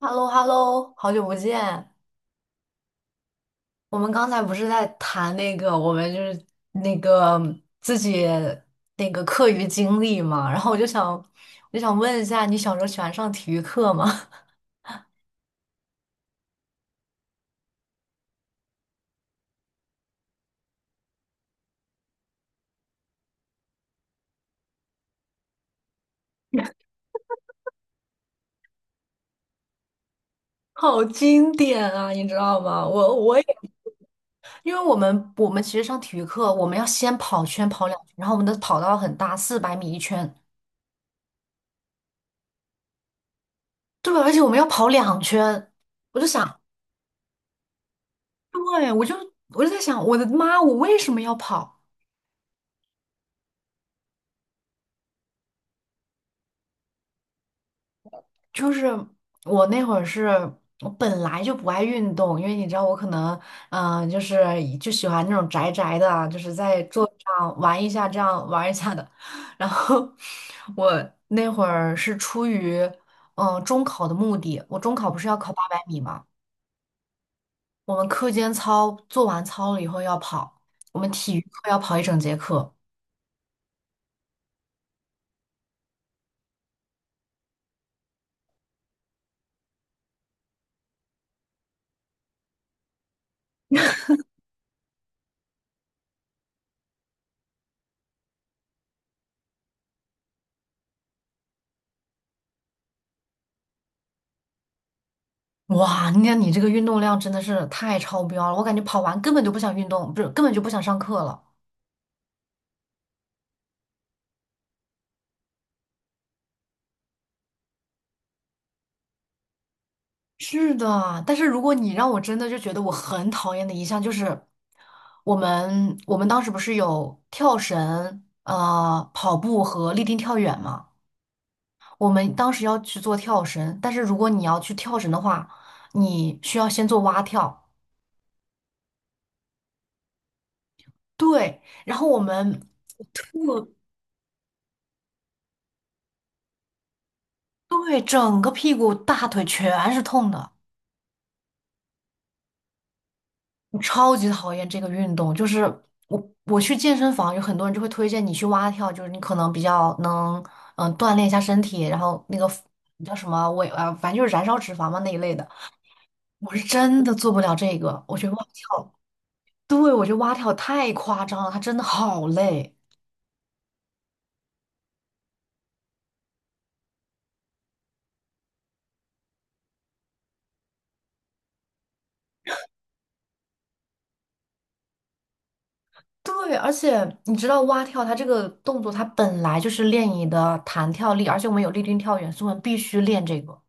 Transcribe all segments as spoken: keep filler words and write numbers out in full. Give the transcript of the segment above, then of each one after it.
h e l l o h e l l o 好久不见。我们刚才不是在谈那个，我们就是那个自己那个课余经历嘛，然后我就想，我就想问一下，你小时候喜欢上体育课吗？好经典啊，你知道吗？我我也，因为我们我们其实上体育课，我们要先跑圈跑两圈，然后我们的跑道很大，四百米一圈，对，而且我们要跑两圈，我就想，对，我就我就在想，我的妈，我为什么要跑？就是我那会儿是我本来就不爱运动，因为你知道我可能，嗯、就是就喜欢那种宅宅的啊就是在桌子上玩一下，这样玩一下的。然后我那会儿是出于嗯、呃中考的目的，我中考不是要考八百米嘛，我们课间操做完操了以后要跑，我们体育课要跑一整节课。哇，你看你这个运动量真的是太超标了，我感觉跑完根本就不想运动，不是根本就不想上课了。是的，但是如果你让我真的就觉得我很讨厌的一项就是，我们我们当时不是有跳绳、呃跑步和立定跳远嘛？我们当时要去做跳绳，但是如果你要去跳绳的话，你需要先做蛙跳，对，然后我们我对整个屁股大腿全是痛的。我超级讨厌这个运动，就是我我去健身房，有很多人就会推荐你去蛙跳，就是你可能比较能嗯呃锻炼一下身体，然后那个叫什么我也啊，反正就是燃烧脂肪嘛那一类的。我是真的做不了这个，我觉得蛙跳，对，我觉得蛙跳太夸张了，它真的好累。对，而且你知道蛙跳它这个动作，它本来就是练你的弹跳力，而且我们有立定跳远，所以我们必须练这个。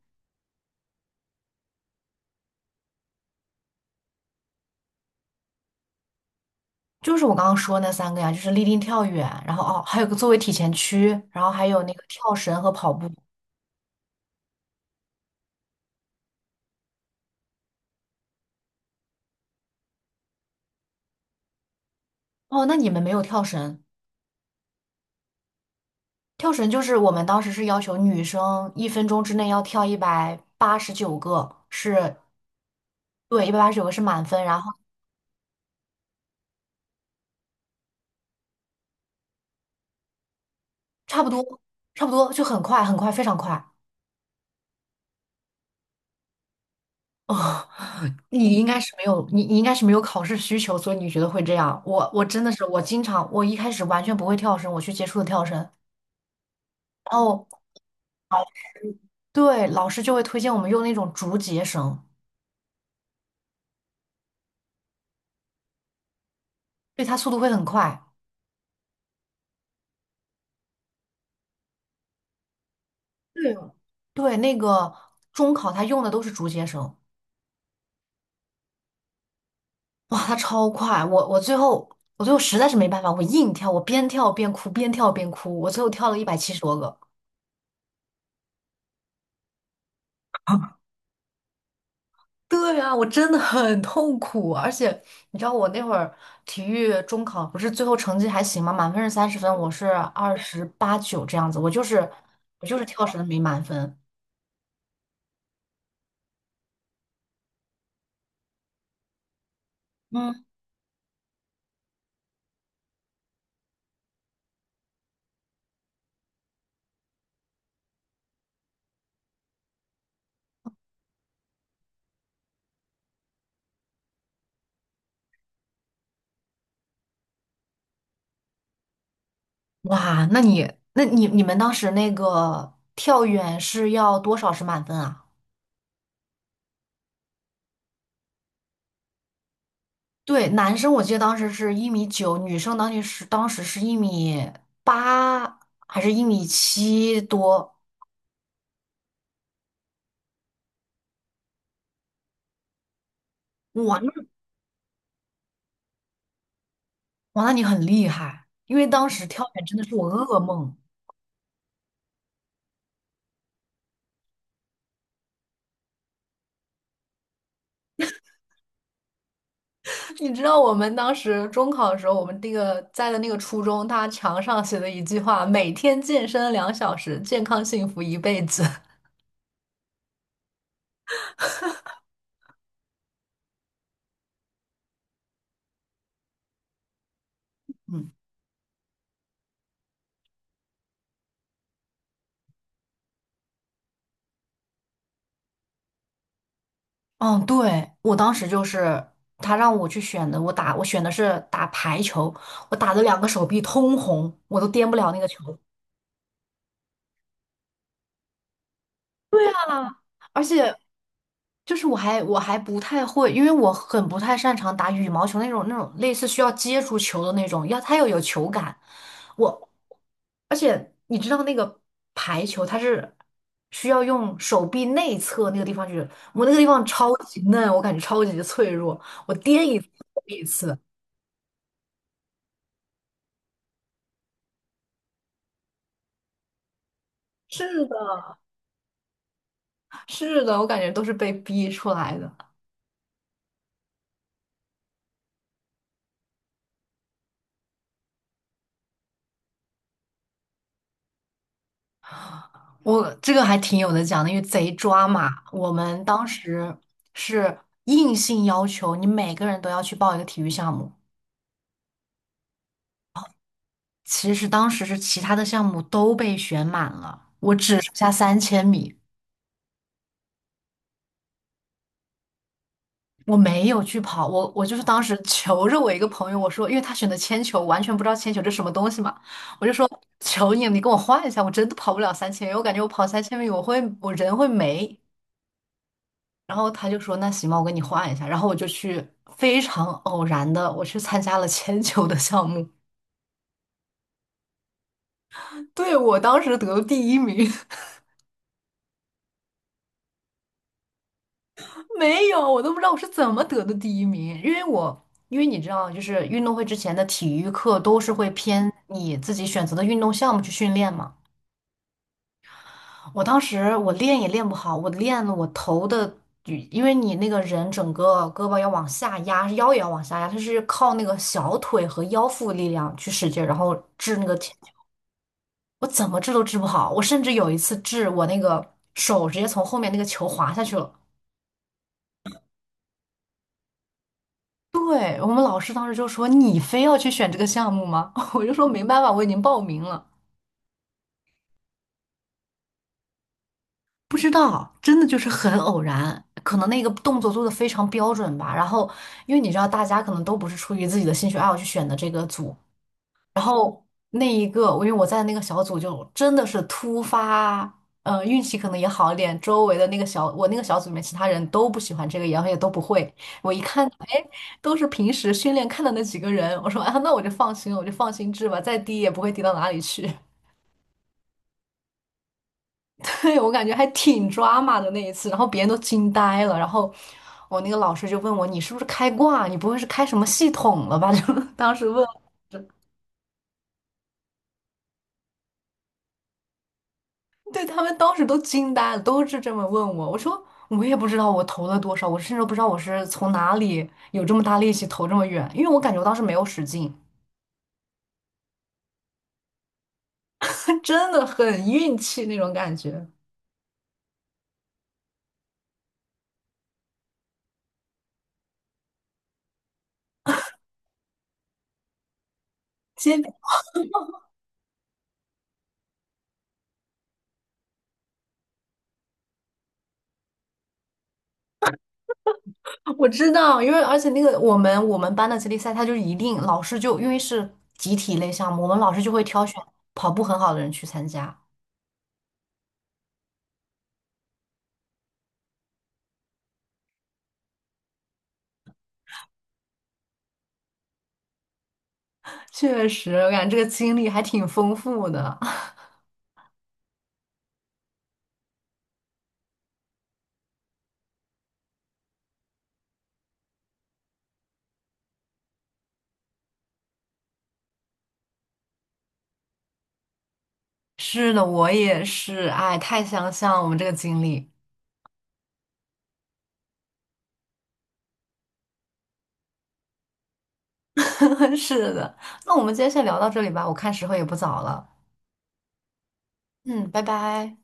就是我刚刚说那三个呀，就是立定跳远，然后哦，还有个作为体前屈，然后还有那个跳绳和跑步。哦，那你们没有跳绳？跳绳就是我们当时是要求女生一分钟之内要跳一百八十九个，是，对，一百八十九个是满分，然后差不多，差不多就很快，很快，非常快。哦，你应该是没有，你你应该是没有考试需求，所以你觉得会这样。我我真的是，我经常我一开始完全不会跳绳，我去接触的跳绳。然后。对，老师就会推荐我们用那种竹节绳，对，它速度会很快。对哦对，那个中考他用的都是竹节绳，哇，它超快！我我最后我最后实在是没办法，我硬跳，我边跳边哭，边跳边哭，我最后跳了一百七十多个。对啊，我真的很痛苦，而且你知道我那会儿体育中考不是最后成绩还行吗？满分是三十分，我是二十八九这样子，我就是我就是跳绳没满分。嗯。哇，那你那你你们当时那个跳远是要多少是满分啊？对，男生我记得当时是一米九，女生当时是当时是一米八还是一米七多？哇，那哇，那你很厉害，因为当时跳远真的是我噩梦。你知道我们当时中考的时候，我们那个在的那个初中，他墙上写的一句话：每天健身两小时，健康幸福一辈子。嗯，对，我当时就是他让我去选的，我打我选的是打排球，我打的两个手臂通红，我都颠不了那个球。对啊 而且就是我还我还不太会，因为我很不太擅长打羽毛球那种那种类似需要接触球的那种，要它要有球感。我而且你知道那个排球它是需要用手臂内侧那个地方去，我那个地方超级嫩，我感觉超级脆弱，我颠一次一次。是的，是的，我感觉都是被逼出来的。我这个还挺有的讲的，因为贼抓马。我们当时是硬性要求你每个人都要去报一个体育项目，其实当时是其他的项目都被选满了，我只剩下三千米，我没有去跑。我我就是当时 求着我一个朋友，我说，因为他选的铅球，我完全不知道铅球这什么东西嘛，我就说求你，你跟我换一下，我真的跑不了三千米，我感觉我跑三千米我会我人会没。然后他就说：“那行吧，我给你换一下。”然后我就去非常偶然的，我去参加了铅球的项目。对，我当时得了第一名，没有，我都不知道我是怎么得的第一名，因为我。因为你知道，就是运动会之前的体育课都是会偏你自己选择的运动项目去训练嘛。我当时我练也练不好，我练了我头的，因为你那个人整个胳膊要往下压，腰也要往下压，它是靠那个小腿和腰腹力量去使劲，然后掷那个我怎么治都治不好，我甚至有一次治我那个手直接从后面那个球滑下去了。对，我们老师当时就说：“你非要去选这个项目吗？” 我就说：“没办法，我已经报名了。”不知道，真的就是很偶然，可能那个动作做的非常标准吧。然后，因为你知道，大家可能都不是出于自己的兴趣爱好去选的这个组，然后那一个，因为我在那个小组就真的是突发，呃，运气可能也好一点，周围的那个小，我那个小组里面其他人都不喜欢这个，然后也都不会。我一看，哎，都是平时训练看的那几个人，我说啊，那我就放心了，我就放心治吧，再低也不会低到哪里去。对，我感觉还挺 drama 的那一次，然后别人都惊呆了，然后我那个老师就问我，你是不是开挂？你不会是开什么系统了吧？就当时问。对他们当时都惊呆了，都是这么问我。我说我也不知道我投了多少，我甚至都不知道我是从哪里有这么大力气投这么远，因为我感觉我当时没有使劲，他真的很运气那种感觉。接我知道，因为而且那个我们我们班的接力赛，他就是一定老师就因为是集体类项目，我们老师就会挑选跑步很好的人去参加。确实，我感觉这个经历还挺丰富的。是的，我也是，哎，太相像我们这个经历。是的，那我们今天先聊到这里吧，我看时候也不早了。嗯，拜拜。